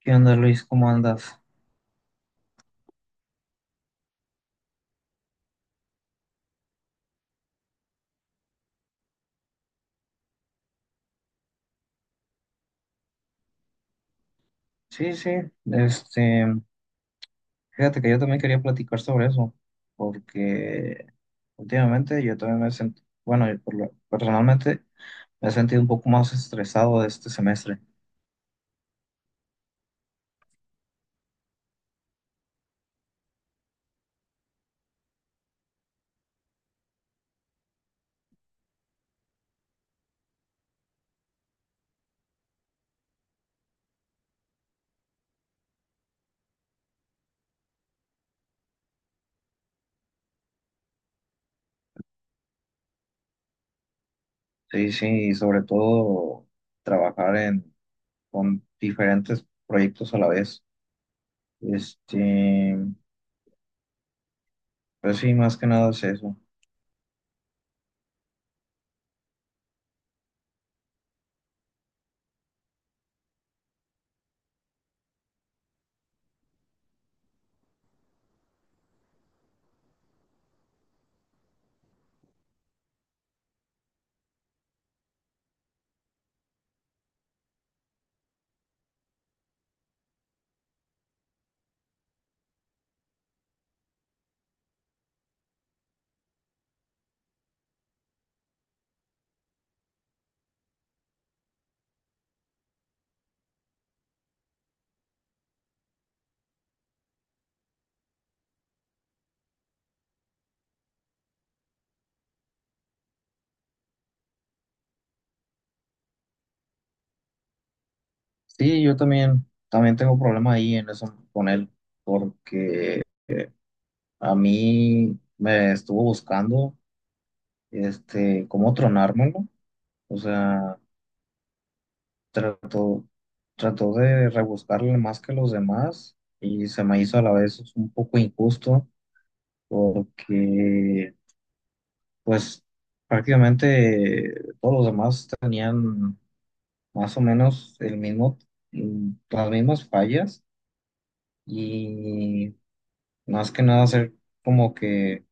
¿Qué onda, Luis? ¿Cómo andas? Sí, sí, este, fíjate que yo también quería platicar sobre eso, porque últimamente yo también me sentí, bueno, personalmente me he sentido un poco más estresado de este semestre. Sí, sí, y sobre todo trabajar en, con diferentes proyectos a la vez. Este, pues sí, más que nada es eso. Sí, yo también, tengo problema ahí en eso con él, porque a mí me estuvo buscando, cómo tronármelo. O sea, trató, trató de rebuscarle más que los demás y se me hizo a la vez un poco injusto porque, pues, prácticamente todos los demás tenían más o menos el mismo, las mismas fallas y más que nada hacer como que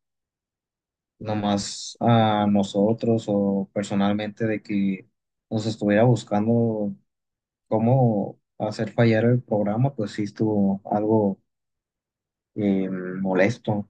nomás a nosotros o personalmente de que nos estuviera buscando cómo hacer fallar el programa, pues sí estuvo algo molesto.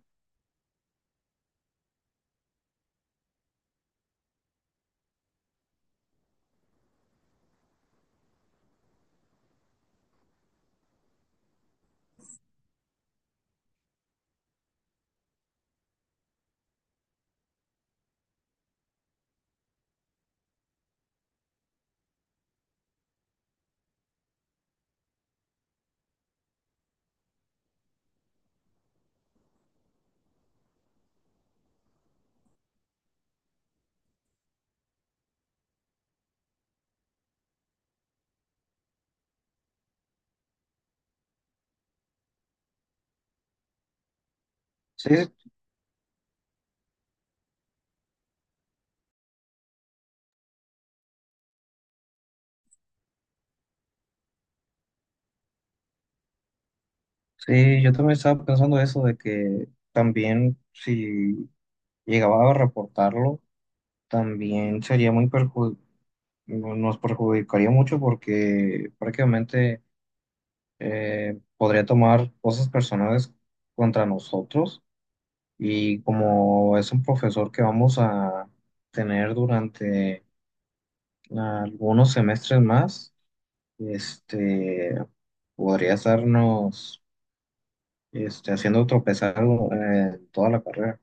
Sí, sí, yo también estaba pensando eso de que también si llegaba a reportarlo, también sería no, nos perjudicaría mucho porque prácticamente podría tomar cosas personales contra nosotros. Y como es un profesor que vamos a tener durante algunos semestres más, este, podría estarnos haciendo tropezar toda la carrera.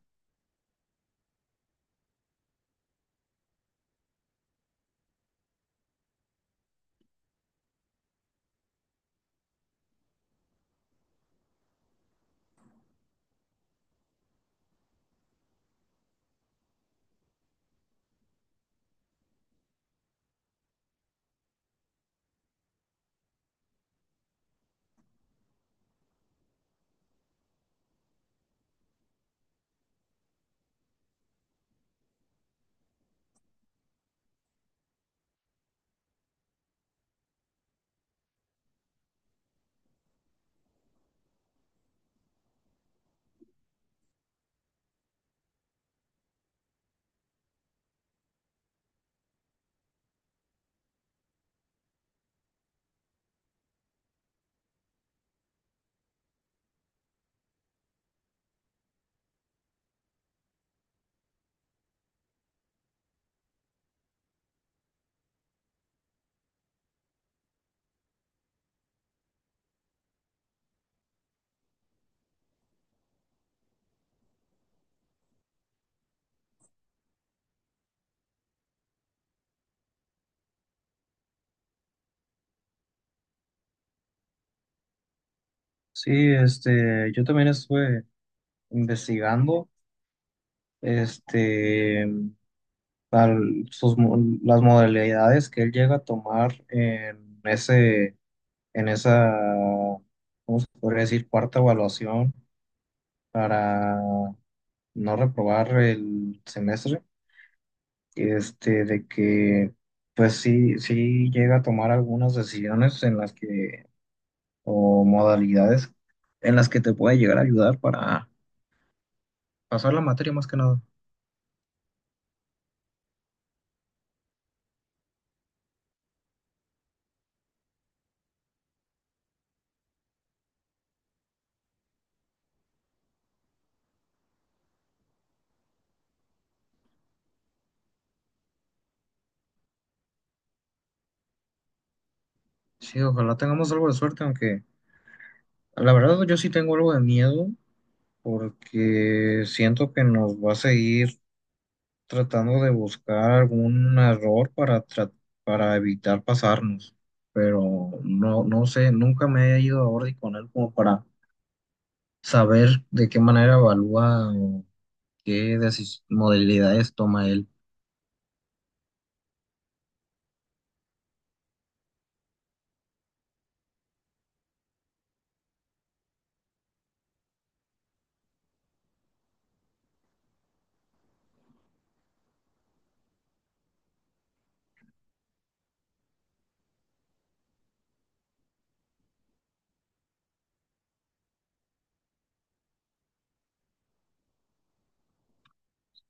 Sí, yo también estuve investigando este, al- sus mo- las modalidades que él llega a tomar en ese, en esa, ¿cómo se podría decir? Cuarta evaluación para no reprobar el semestre, de que pues sí, sí llega a tomar algunas decisiones en las que, o modalidades en las que te puede llegar a ayudar para pasar la materia más que nada. Sí, ojalá tengamos algo de suerte, aunque la verdad yo sí tengo algo de miedo porque siento que nos va a seguir tratando de buscar algún error para, para evitar pasarnos, pero no, no sé, nunca me he ido a Ordi con él como para saber de qué manera evalúa o qué modalidades toma él.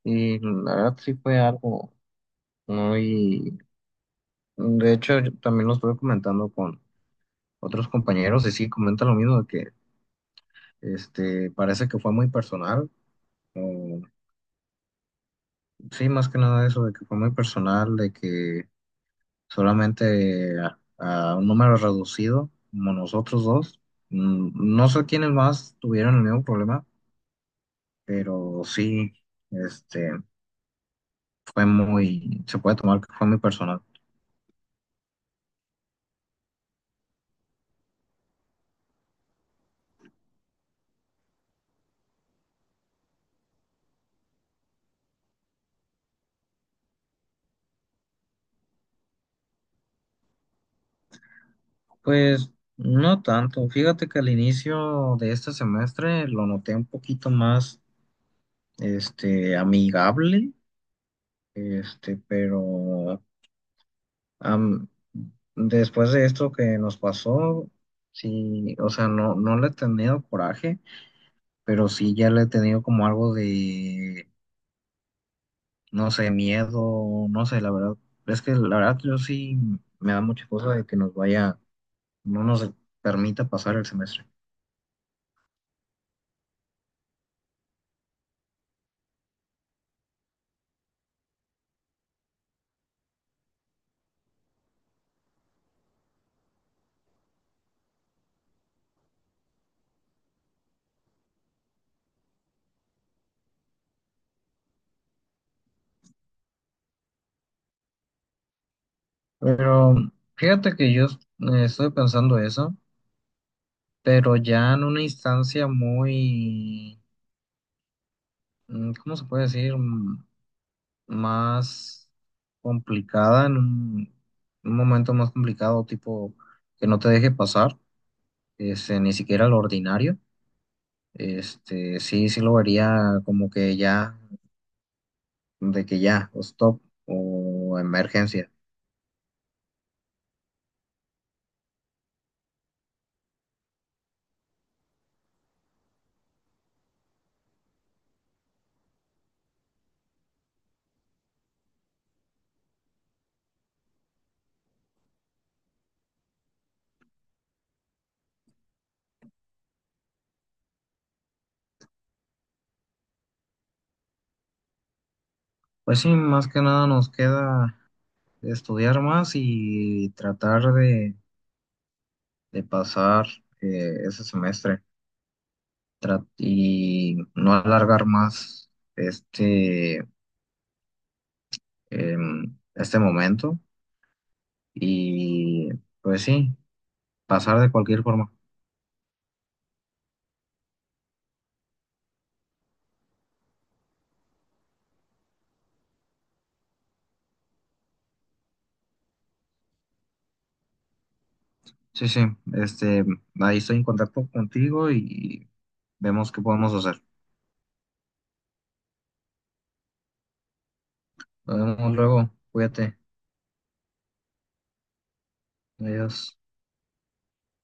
Y la verdad sí fue algo muy. De hecho, yo también lo estuve comentando con otros compañeros y sí, comentan lo mismo de que parece que fue muy personal. o- sí, más que nada eso de que fue muy personal, de que solamente a un número reducido, como nosotros dos. No sé quiénes más tuvieron el mismo problema, pero sí, este, fue muy, se puede tomar que fue muy personal. Pues no tanto, fíjate que al inicio de este semestre lo noté un poquito más, amigable, pero... am- Después de esto que nos pasó, sí, o sea, no, no le he tenido coraje, pero sí ya le he tenido como algo de, no sé, miedo, no sé, la verdad, es que la verdad yo sí me da mucha cosa de que nos vaya, no nos permita pasar el semestre. Pero fíjate que yo estoy pensando eso, pero ya en una instancia muy, ¿cómo se puede decir? Más complicada, en un momento más complicado, tipo que no te deje pasar, ni siquiera lo ordinario. Sí, sí lo vería como que ya, de que ya, o stop, o emergencia. Pues sí, más que nada nos queda estudiar más y tratar de pasar ese semestre y no alargar más este, este momento y pues sí, pasar de cualquier forma. Sí, sí, este, ahí estoy en contacto contigo y vemos qué podemos hacer. Nos vemos luego. Cuídate. Adiós.